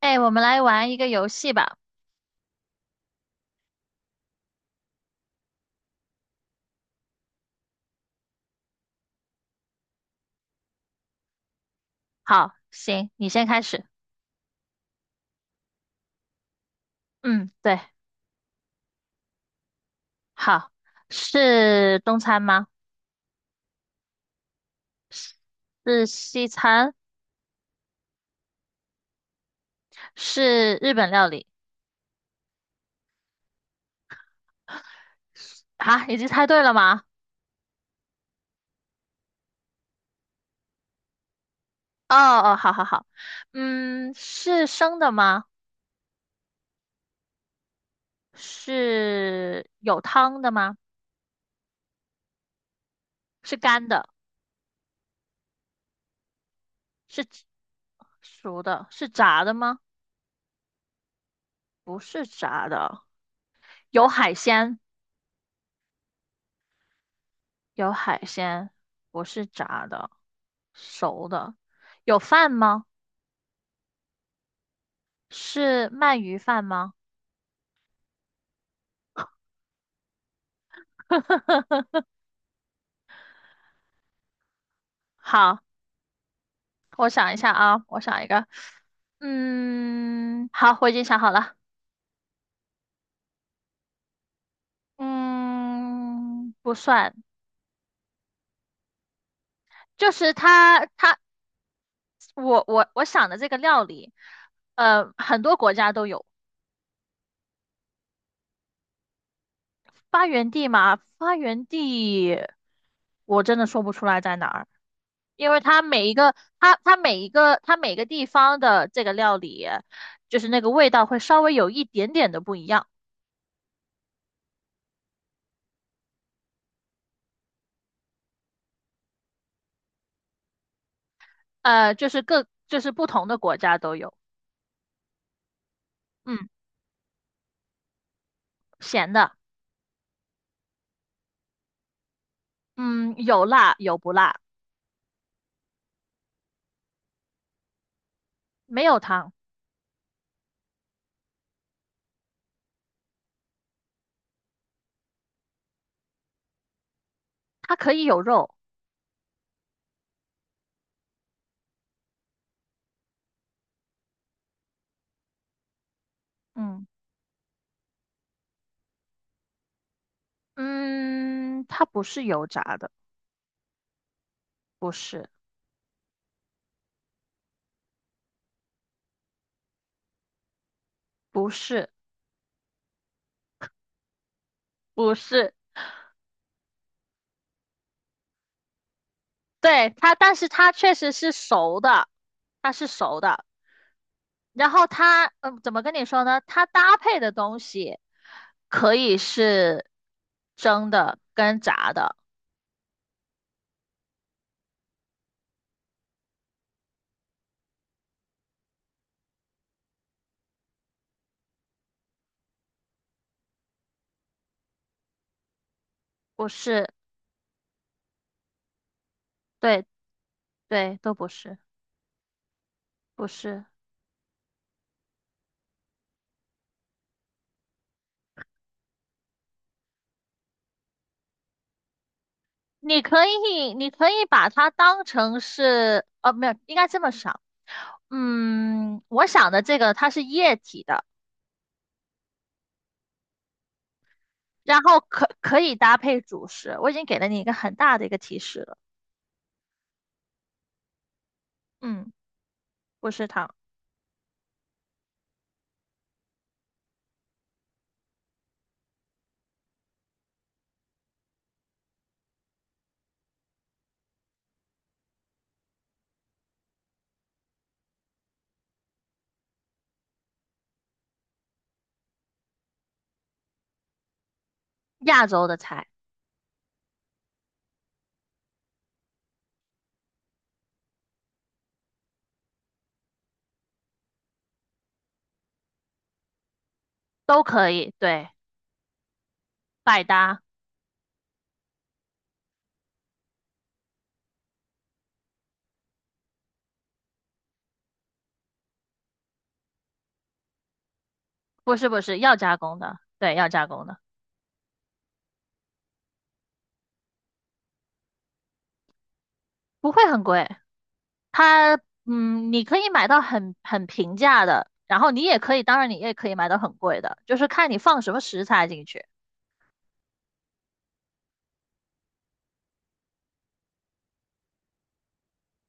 哎，我们来玩一个游戏吧。好，行，你先开始。嗯，对，好，是中餐吗？是西餐？是日本料理？啊，已经猜对了吗？哦哦，好好好。嗯，是生的吗？是有汤的吗？是干的？是熟的？是炸的吗？不是炸的。有海鲜？有海鲜，不是炸的，熟的。有饭吗？是鳗鱼饭吗？好，我想一下啊，我想一个。嗯，好，我已经想好了。嗯，不算，就是我想的这个料理，很多国家都有。发源地嘛，发源地，我真的说不出来在哪儿，因为它每一个，它每一个，它每个地方的这个料理，就是那个味道会稍微有一点点的不一样。呃，就是各就是不同的国家都有，嗯，咸的，嗯，有辣有不辣，没有汤，它可以有肉，嗯嗯，它不是油炸的，不是不是不是，对它，但是它确实是熟的，它是熟的，然后它怎么跟你说呢？它搭配的东西可以是蒸的跟炸的，不是，对对，都不是，不是。你可以把它当成是，没有，应该这么想。嗯，我想的这个它是液体的，然后可以搭配主食。我已经给了你一个很大的一个提示了。嗯，不是糖，亚洲的菜都可以，对，百搭。不是不是，要加工的，对，要加工的，不会很贵。它，你可以买到很平价的，然后你也可以，当然你也可以买到很贵的，就是看你放什么食材进去。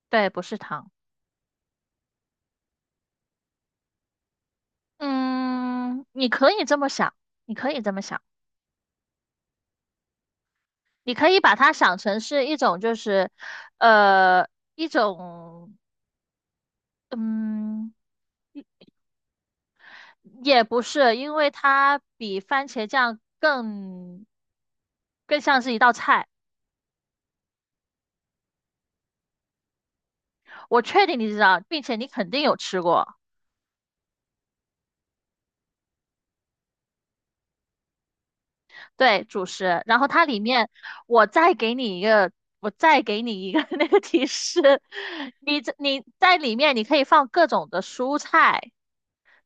对，不是糖。嗯，你可以这么想，你可以这么想，你可以把它想成是一种，就是，呃，一种，嗯，也不是，因为它比番茄酱更像是一道菜。我确定你知道，并且你肯定有吃过，对，主食。然后它里面，我再给你一个，我再给你一个 那个提示，你在里面你可以放各种的蔬菜。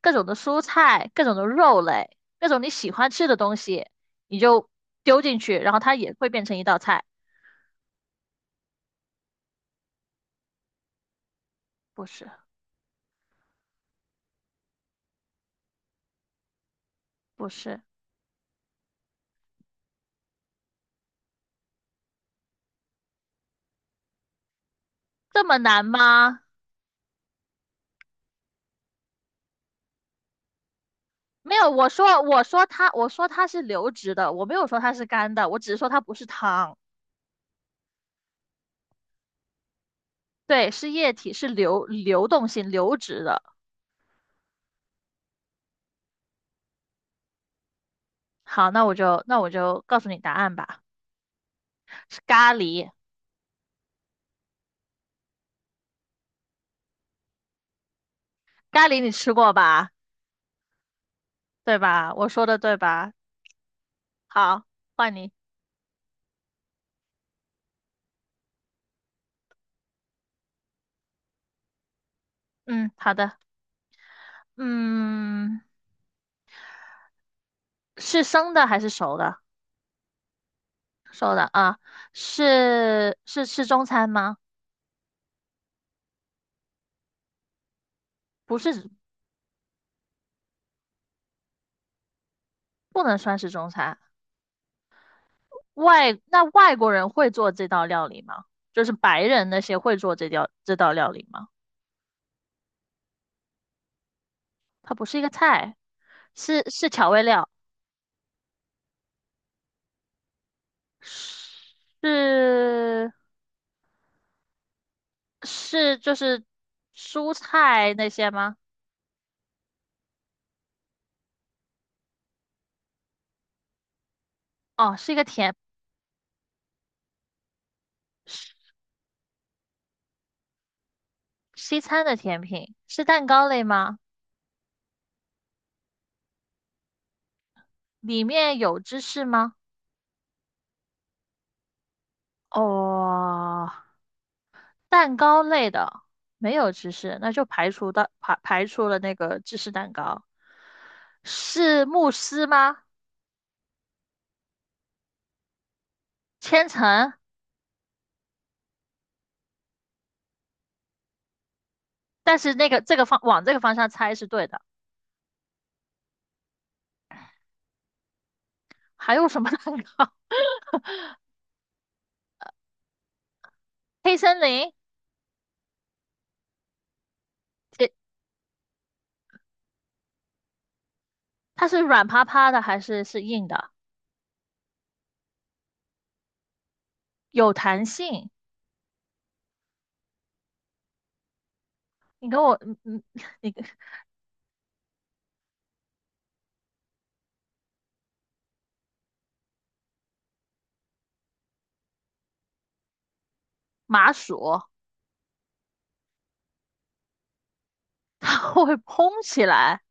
各种的蔬菜、各种的肉类、各种你喜欢吃的东西，你就丢进去，然后它也会变成一道菜。不是，不是，这么难吗？没有，我说它是流质的，我没有说它是干的，我只是说它不是汤，对，是液体，是流动性流质的。好，那我就告诉你答案吧，是咖喱，咖喱你吃过吧？对吧？我说的对吧？好，换你。嗯，好的。嗯，是生的还是熟的？啊，是吃中餐吗？不是，不能算是中餐。那外国人会做这道料理吗？就是白人那些会做这道料理吗？它不是一个菜，是调味料，是是就是蔬菜那些吗？哦，是一个甜，西餐的甜品，是蛋糕类吗？里面有芝士吗？哦，蛋糕类的没有芝士，那就排除了那个芝士蛋糕，是慕斯吗？千层，但是那个这个方往这个方向猜是对的。还有什么 蛋糕？黑森林，这它是软趴趴的还是硬的？有弹性。你跟我，你跟麻薯，它会 蓬起来。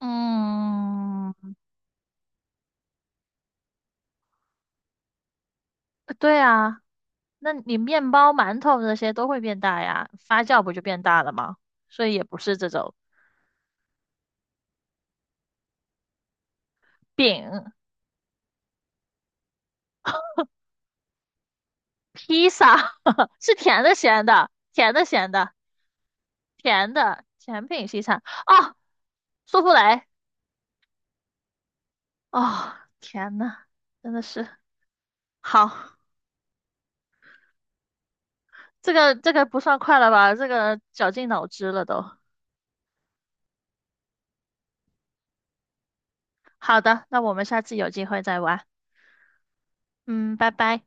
嗯。对啊，那你面包、馒头这些都会变大呀，发酵不就变大了吗？所以也不是这种饼、披萨，是甜的、咸的，甜的、咸的，甜的甜品西餐哦，苏芙蕾哦，天呐，真的是好，这个不算快了吧？这个绞尽脑汁了都。好的，那我们下次有机会再玩，嗯，拜拜。